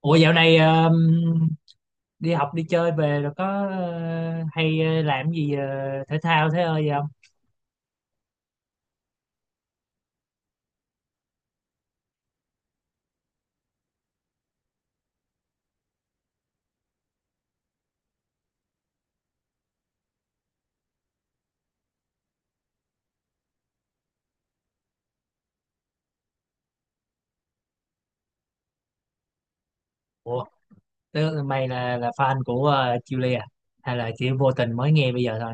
Ủa, dạo này đi học đi chơi về rồi có hay làm gì thể thao thế ơi gì không? Ủa tức mày là fan của Chile à? Hay là chỉ vô tình mới nghe bây giờ thôi?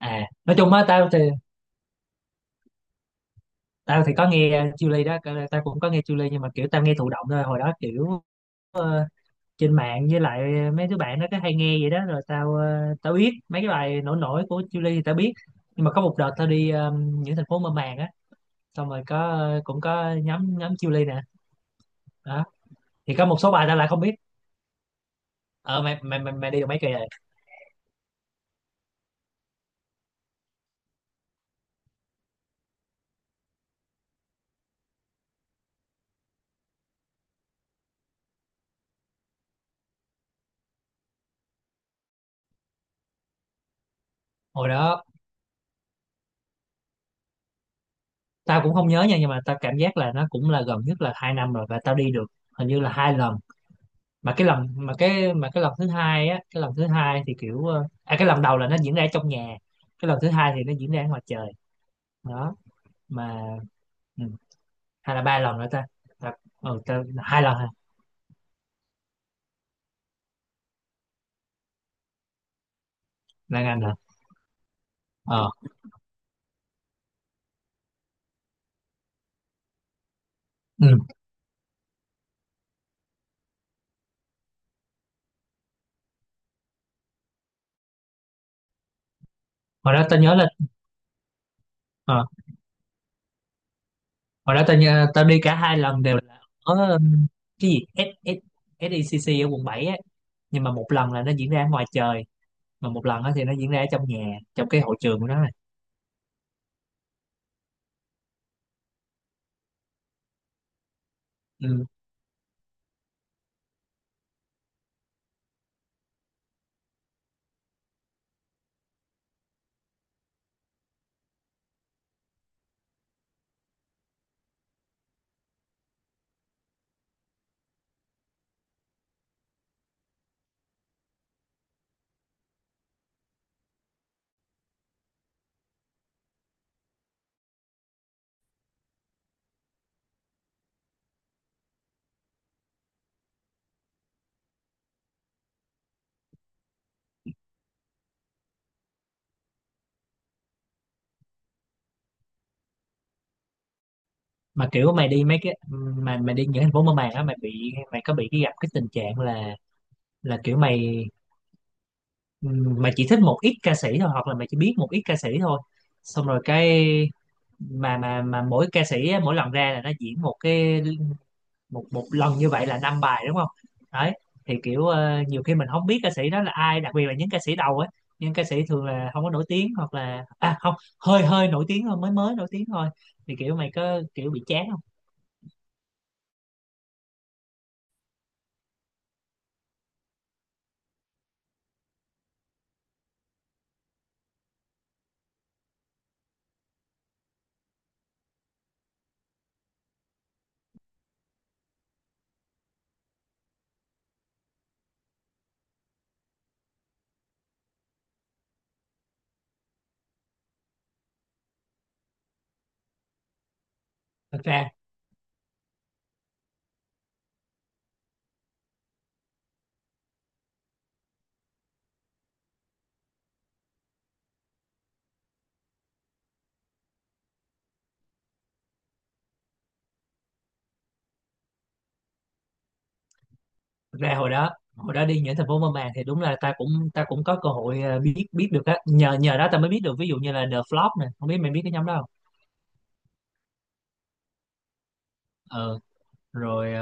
À nói chung á, tao thì có nghe Chile đó, tao cũng có nghe Chile nhưng mà kiểu tao nghe thụ động thôi. Hồi đó kiểu ờ, trên mạng với lại mấy đứa bạn nó cứ hay nghe vậy đó, rồi tao biết mấy cái bài nổi nổi của Chile thì tao biết, nhưng mà có một đợt tao đi những thành phố mơ màng á, xong rồi có cũng có nhóm nhóm Chillies nè. Đó thì có một số bài tao lại không biết. Ở mày đi được mấy kỳ rồi? Hồi đó tao cũng không nhớ nha, nhưng mà tao cảm giác là nó cũng là gần nhất là 2 năm rồi, và tao đi được hình như là 2 lần. Mà cái lần thứ hai á, cái lần thứ hai thì kiểu ờ, à cái lần đầu là nó diễn ra trong nhà, cái lần thứ hai thì nó diễn ra ngoài trời. Đó mà ừ, hay là 3 lần nữa ta? tao Ta hai lần hả? Là ngành hả? Ờ. Ừ. hồi đó tao nhớ là ờ Hồi đó tao đi cả 2 lần đều là ở cái gì, S, S, SECC ở Quận 7 á, nhưng mà một lần là nó diễn ra ở ngoài trời, mà một lần á thì nó diễn ra ở trong nhà, trong cái hội trường của nó này. Ừ. Mà kiểu mày đi mấy cái mà mày đi những thành phố mơ màng á, mày có bị cái gặp cái tình trạng là là kiểu mày ừ, mày chỉ thích một ít ca sĩ thôi hoặc là mày chỉ biết một ít ca sĩ thôi, xong rồi cái mà mỗi ca sĩ á, mỗi lần ra là nó diễn một một lần như vậy là năm bài, đúng không? Đấy. Thì kiểu nhiều khi mình không biết ca sĩ đó là ai, đặc biệt là những ca sĩ đầu ấy, những ca sĩ thường là không có nổi tiếng hoặc là à không hơi hơi nổi tiếng thôi, mới mới nổi tiếng thôi, thì kiểu mày có kiểu bị chán không? thật ra Thật ra hồi đó đi những thành phố mơ màng thì đúng là ta cũng có cơ hội biết biết được á, nhờ nhờ đó ta mới biết được, ví dụ như là The Flop nè, không biết mày biết cái nhóm đó không? Rồi.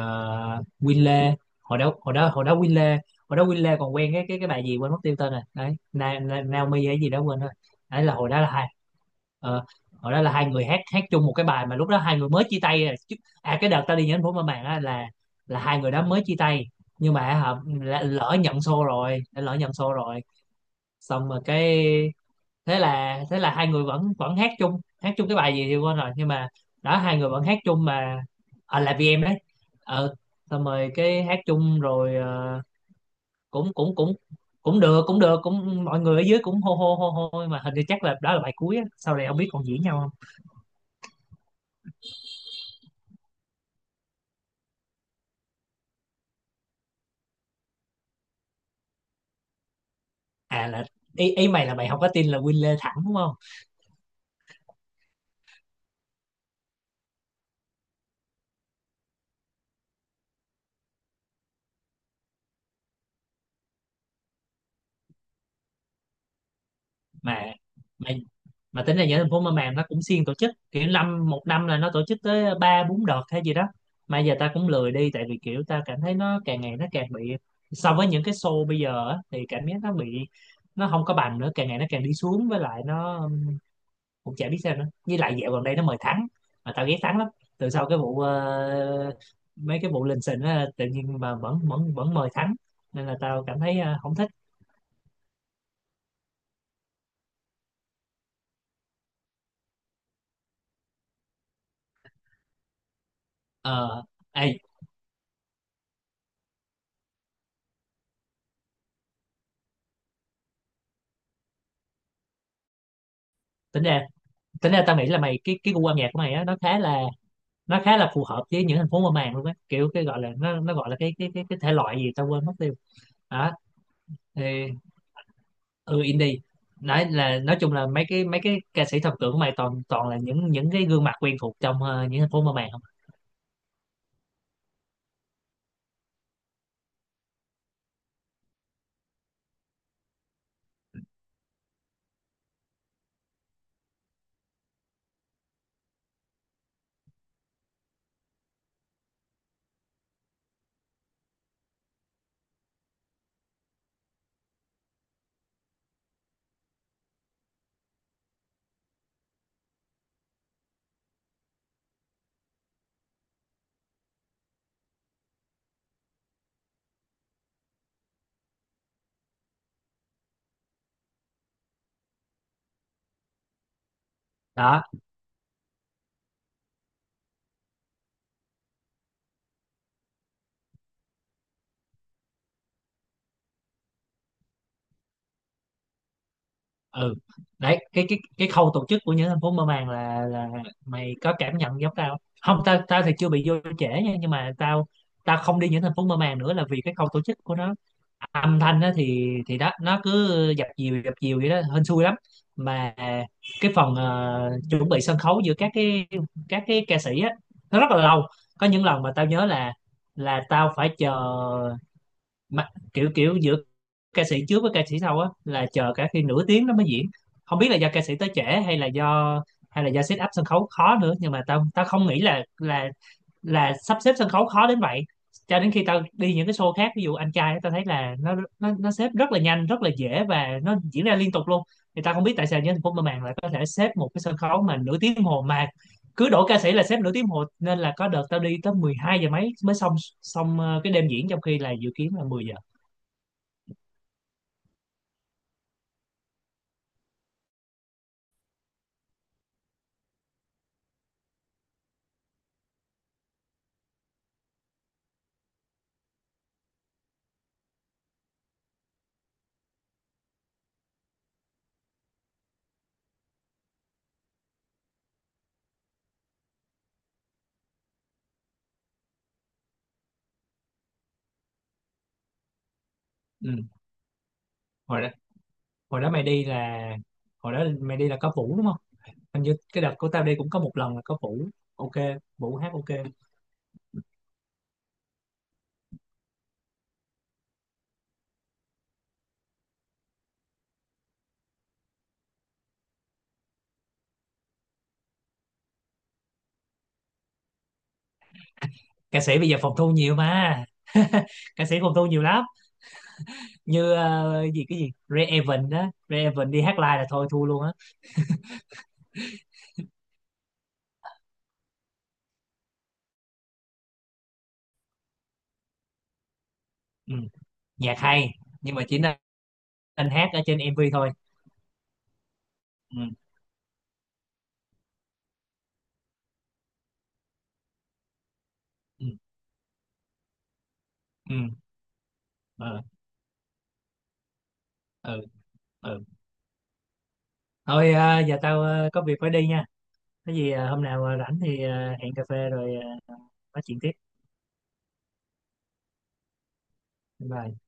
Winley, hồi đó hồi đó hồi đó Winley hồi đó Winley còn quen cái bà gì quên mất tiêu tên rồi đấy, Na, Na, Naomi hay gì đó, quên rồi. Đấy là ờ, hồi đó là hai người hát hát chung một cái bài mà lúc đó hai người mới chia tay à, chứ. À cái đợt tao đi nhánh phố mà màng á là hai người đó mới chia tay, nhưng mà hả, lỡ nhận show rồi, xong rồi cái thế là hai người vẫn vẫn hát chung cái bài gì thì quên rồi, nhưng mà đó hai người vẫn hát chung mà. À, là vì em đấy. Ờ, xong rồi cái hát chung rồi, cũng cũng cũng cũng được cũng mọi người ở dưới cũng hô hô hô hô, nhưng mà hình như chắc là đó là bài cuối á, sau này không biết còn diễn nhau không. À là, ý mày là mày không có tin là Win Lê thẳng đúng không? Mà mà mà tính ra nhớ thành phố Mơ Màng nó cũng siêng tổ chức, kiểu năm một năm là nó tổ chức tới ba bốn đợt hay gì đó. Mà giờ ta cũng lười đi, tại vì kiểu ta cảm thấy nó càng ngày nó càng bị, so với những cái show bây giờ á, thì cảm giác nó bị, nó không có bằng nữa, càng ngày nó càng đi xuống, với lại nó cũng chả biết sao nữa, với lại dạo gần đây nó mời Thắng, mà tao ghét Thắng lắm. Từ sau cái vụ mấy cái vụ lình xình á, tự nhiên mà vẫn vẫn vẫn mời Thắng, nên là tao cảm thấy không thích. Ờ. Ê. tính ra Tính ra tao nghĩ là mày, cái gu âm nhạc của mày á, nó khá là phù hợp với những thành phố mơ màng luôn á, kiểu cái gọi là nó gọi là cái thể loại gì tao quên mất tiêu. Đó thì ừ, indie. Đấy là nói chung là mấy cái ca sĩ thần tượng của mày toàn toàn là những cái gương mặt quen thuộc trong những thành phố mơ màng không? Đó. Ừ. Đấy cái khâu tổ chức của những thành phố mơ màng là mày có cảm nhận giống tao không? Không, tao tao thì chưa bị vô trễ nha, nhưng mà tao tao không đi những thành phố mơ màng nữa là vì cái khâu tổ chức của nó. Âm thanh á thì đó nó cứ dập dìu vậy đó, hên xui lắm. Mà cái phần chuẩn bị sân khấu giữa các cái ca sĩ á nó rất là lâu. Có những lần mà tao nhớ là tao phải chờ, mà kiểu kiểu giữa ca sĩ trước với ca sĩ sau á là chờ cả khi nửa tiếng nó mới diễn. Không biết là do ca sĩ tới trễ hay là do set up sân khấu khó nữa, nhưng mà tao tao không nghĩ là là sắp xếp sân khấu khó đến vậy. Cho đến khi tao đi những cái show khác, ví dụ anh trai á, tao thấy là nó xếp rất là nhanh rất là dễ và nó diễn ra liên tục luôn. Thì tao không biết tại sao nhân Thành phố mơ màng lại có thể xếp một cái sân khấu mà nửa tiếng đồng hồ, mà cứ đổ ca sĩ là xếp nửa tiếng đồng hồ, nên là có đợt tao đi tới 12 giờ mấy mới xong, cái đêm diễn, trong khi là dự kiến là 10 giờ. Ừ. hồi đó hồi đó mày đi là Hồi đó mày đi là có Vũ đúng không? Hình như cái đợt của tao đi cũng có một lần là có Vũ. Ok, Vũ hát ok. Ca sĩ bây giờ phòng thu nhiều mà. Ca sĩ phòng thu nhiều lắm. Như ờ, gì cái gì, Ray Evan đó, Ray Evan đi hát live là thôi thua luôn á. Ừ. Nhạc hay, nhưng mà chỉ nên nên hát ở trên MV thôi. Ừ. Ừ. Ừ. Ờ. Ừ. Ừ. Thôi giờ tao có việc phải đi nha. Cái gì hôm nào rảnh thì hẹn cà phê rồi ờ, nói chuyện tiếp. Bye.